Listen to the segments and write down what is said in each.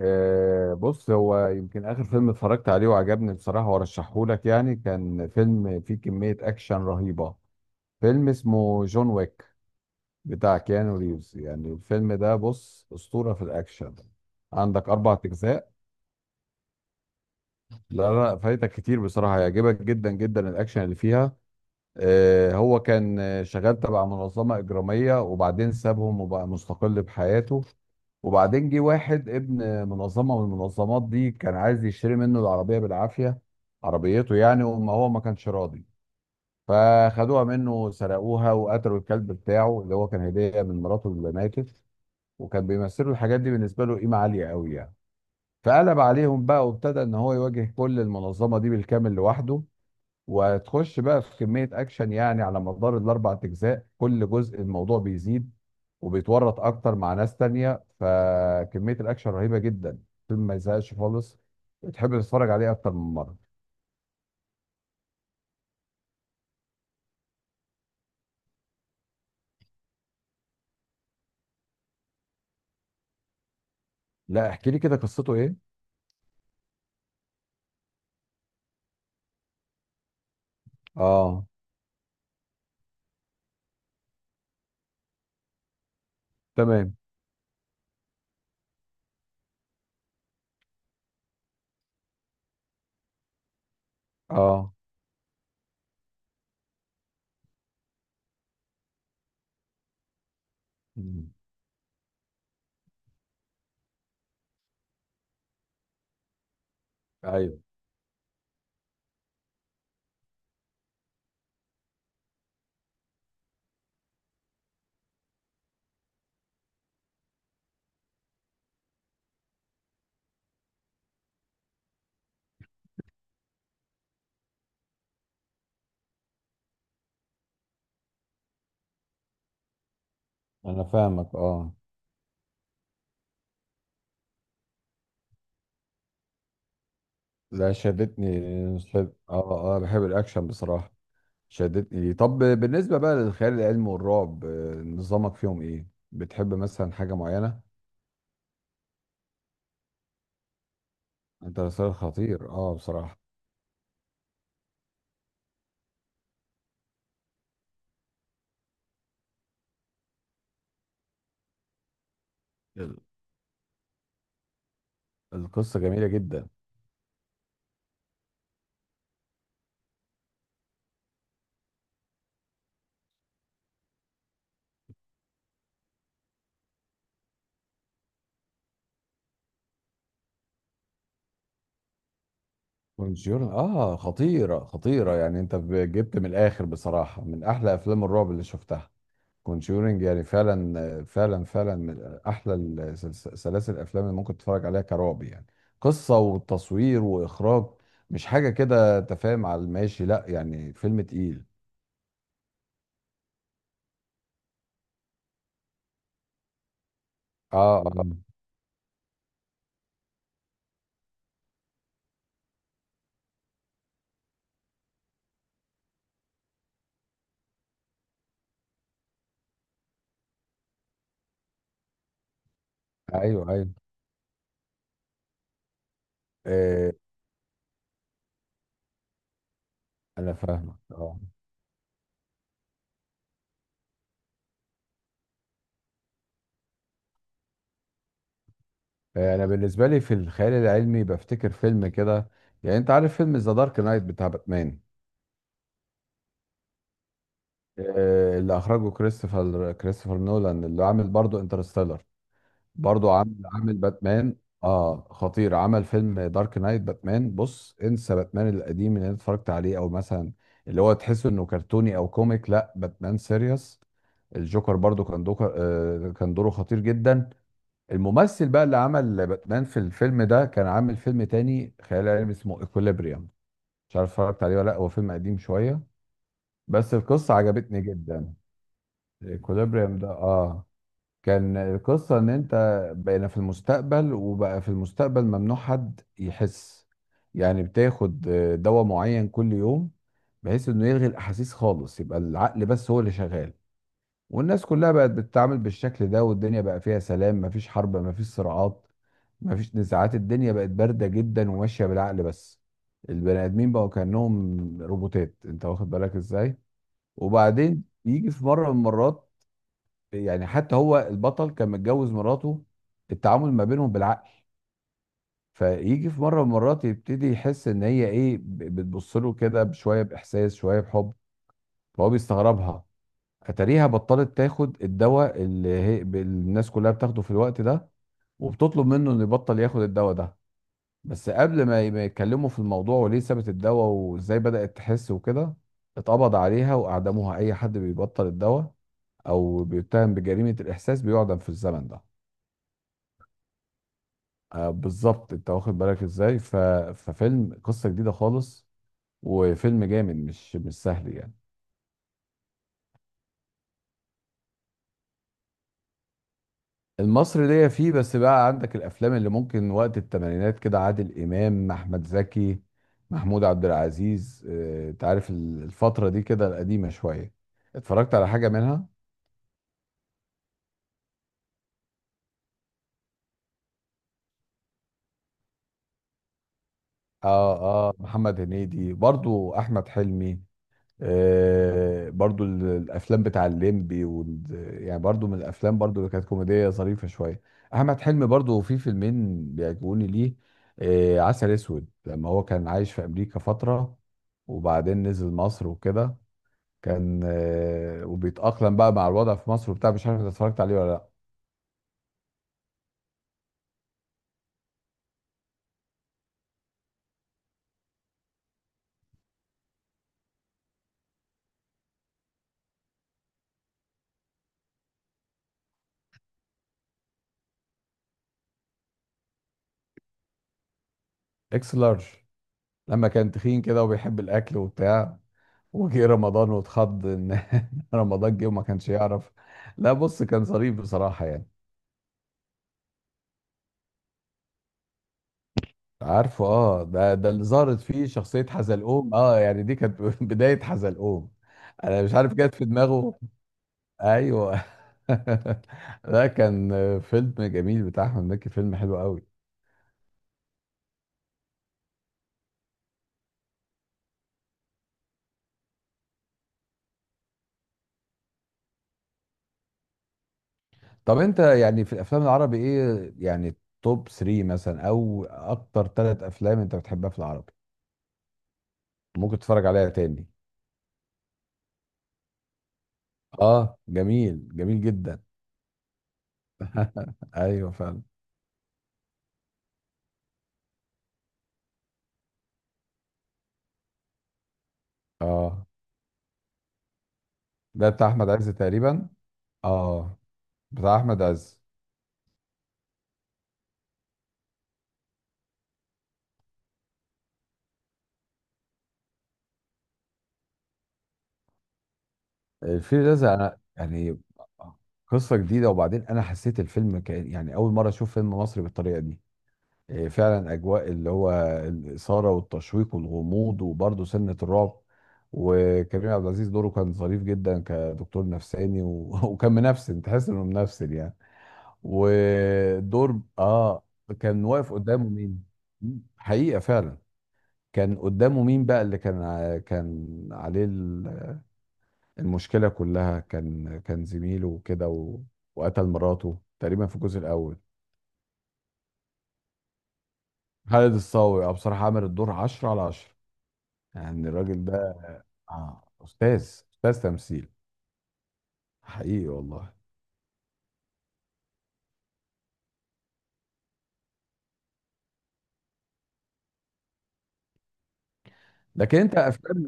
بص، هو يمكن اخر فيلم اتفرجت عليه وعجبني بصراحه وارشحه لك. يعني كان فيلم فيه كميه اكشن رهيبه. فيلم اسمه جون ويك، بتاع كيانو ريفز. يعني الفيلم ده بص اسطوره في الاكشن. عندك اربع اجزاء. لا لا، فايتك كتير بصراحه، هيعجبك جدا جدا الاكشن اللي فيها. هو كان شغال تبع منظمة إجرامية، وبعدين سابهم وبقى مستقل بحياته. وبعدين جه واحد ابن منظمة من المنظمات دي، كان عايز يشتري منه العربية بالعافية. عربيته يعني، وما هو ما كانش راضي. فخدوها منه، سرقوها وقتلوا الكلب بتاعه اللي هو كان هدية من مراته اللي ماتت. وكان بيمثلوا الحاجات دي بالنسبة له قيمة عالية قوي يعني. فقلب عليهم بقى، وابتدى ان هو يواجه كل المنظمة دي بالكامل لوحده. وتخش بقى في كمية أكشن، يعني على مدار الأربع أجزاء كل جزء الموضوع بيزيد. وبيتورط أكتر مع ناس تانية، فكمية الأكشن رهيبة جدا. فيلم ما يزهقش خالص، وتحب تتفرج عليه أكتر من مرة. لا، احكي لي كده قصته إيه؟ آه. تمام. آه. مم. أيوه. أنا فاهمك. آه. لا، شدتني آه آه، بحب الأكشن بصراحة. شدتني. طب بالنسبة بقى للخيال العلمي والرعب، نظامك فيهم إيه؟ بتحب مثلا حاجة معينة؟ انترستيلر خطير اه بصراحة. ال- القصة جميلة جدا. كونجورن، اه خطيرة خطيرة يعني. انت جبت من الاخر بصراحة، من احلى افلام الرعب اللي شفتها. كونجورنج يعني فعلا فعلا فعلا من احلى سلاسل الافلام اللي ممكن تتفرج عليها كرعب يعني. قصة وتصوير واخراج. مش حاجة كده تفاهم على الماشي، لا يعني فيلم تقيل. اه اه. ايوه ايوه. آه، انا فاهمك. اه. انا بالنسبه لي في الخيال العلمي بفتكر فيلم كده. يعني انت عارف فيلم ذا دارك نايت بتاع باتمان؟ اللي اخرجه كريستوفر نولان، اللي عامل برضه انترستيلر. برضه عامل باتمان. اه خطير، عمل فيلم دارك نايت باتمان. بص، انسى باتمان القديم اللي انا اتفرجت عليه، او مثلا اللي هو تحسه انه كرتوني او كوميك. لا، باتمان سيريس. الجوكر برضه كان دوكر، كان دوره خطير جدا. الممثل بقى اللي عمل باتمان في الفيلم ده كان عامل فيلم تاني خيال علمي اسمه ايكوليبريم. مش عارف اتفرجت عليه ولا لا. هو فيلم قديم شوية، بس القصة عجبتني جدا. ايكوليبريم ده، اه. كان القصة ان انت بقينا في المستقبل، وبقى في المستقبل ممنوع حد يحس. يعني بتاخد دواء معين كل يوم، بحيث انه يلغي الاحاسيس خالص، يبقى العقل بس هو اللي شغال. والناس كلها بقت بتتعامل بالشكل ده، والدنيا بقى فيها سلام، مفيش حرب، مفيش صراعات، مفيش نزاعات. الدنيا بقت باردة جدا وماشية بالعقل بس. البني آدمين بقوا كأنهم روبوتات، انت واخد بالك ازاي. وبعدين يجي في مرة من المرات، يعني حتى هو البطل كان متجوز مراته، التعامل ما بينهم بالعقل. فيجي في مرة من المرات يبتدي يحس ان هي ايه بتبص له كده بشوية بإحساس، شوية بحب. فهو بيستغربها. اتاريها بطلت تاخد الدواء اللي هي الناس كلها بتاخده في الوقت ده. وبتطلب منه انه يبطل ياخد الدواء ده. بس قبل ما ما يتكلموا في الموضوع وليه سابت الدواء وازاي بدأت تحس وكده، اتقبض عليها واعدموها. اي حد بيبطل الدواء او بيتهم بجريمة الاحساس بيعدم في الزمن ده. آه بالظبط، انت واخد بالك ازاي. ففيلم قصة جديدة خالص، وفيلم جامد، مش سهل يعني. المصري ليا فيه. بس بقى عندك الافلام اللي ممكن وقت الثمانينات كده، عادل امام، احمد زكي، محمود عبد العزيز. انت عارف الفترة دي كده القديمة شوية، اتفرجت على حاجة منها؟ اه اه. محمد هنيدي برضو، احمد حلمي. آه برضو الافلام بتاع الليمبي يعني برضو من الافلام برضو اللي كانت كوميديه ظريفه شويه. احمد حلمي برضو في فيلمين بيعجبوني ليه. آه، عسل اسود. لما هو كان عايش في امريكا فتره، وبعدين نزل مصر وكده، كان وبيتاقلم بقى مع الوضع في مصر وبتاع. مش عارف انت اتفرجت عليه ولا لا. اكس لارج. لما كان تخين كده وبيحب الاكل وبتاع، وجه رمضان واتخض ان رمضان جه وما كانش يعرف. لا بص كان ظريف بصراحة يعني. عارفه اه. ده اللي ظهرت فيه شخصية حزلقوم، اه يعني دي كانت بداية حزلقوم. انا مش عارف جت في دماغه. ايوه. ده كان فيلم جميل بتاع احمد مكي، فيلم حلو قوي. طب انت يعني في الافلام العربي ايه يعني؟ توب 3 مثلا، او اكتر، ثلاث افلام انت بتحبها في العربي ممكن تتفرج عليها تاني؟ اه، جميل جميل جدا. ايوه فعلا. اه، ده بتاع احمد عز تقريبا. اه، بتاع احمد عز. الفيل الازرق، انا يعني قصه جديده، وبعدين انا حسيت الفيلم كان يعني اول مره اشوف فيلم مصري بالطريقه دي. إيه، فعلا. اجواء اللي هو الاثاره والتشويق والغموض وبرضه سنه الرعب. وكريم عبد العزيز دوره كان ظريف جدا كدكتور نفساني وكان منفسن، تحس انه منفسن يعني. ودور اه. كان واقف قدامه مين؟ حقيقه فعلا. كان قدامه مين بقى اللي كان عليه المشكلة كلها، كان زميله وكده وقتل مراته تقريبا في الجزء الأول. خالد الصاوي، اه بصراحة عامل الدور 10/10، يعني الراجل ده. أستاذ. أستاذ تمثيل، حقيقي والله. لكن أنت أفلام.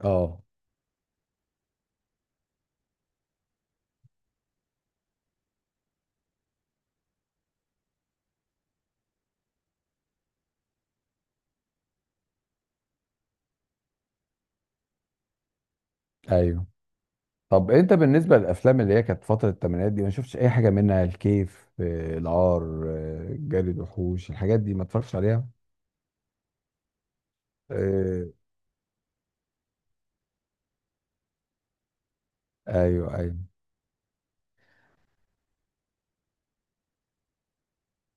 اه ايوه. طب انت بالنسبه للافلام اللي هي كانت فتره الثمانينات دي، ما شفتش اي حاجه منها؟ الكيف، العار، جري الوحوش، الحاجات دي ما اتفرجتش عليها؟ آه، ايوه ايوه.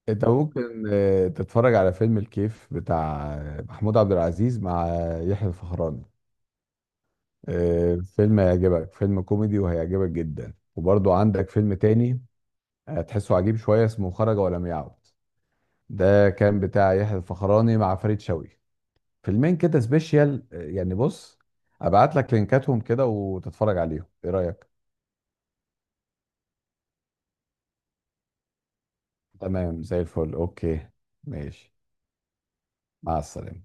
انت ممكن تتفرج على فيلم الكيف بتاع محمود عبد العزيز مع يحيى الفخراني. فيلم هيعجبك، فيلم كوميدي وهيعجبك جدا. وبرضو عندك فيلم تاني هتحسه عجيب شوية، اسمه خرج ولم يعد. ده كان بتاع يحيى الفخراني مع فريد شوقي. فيلمين كده سبيشيال، يعني بص، ابعت لك لينكاتهم كده وتتفرج عليهم، ايه رأيك؟ تمام زي الفل، اوكي. ماشي. مع السلامة.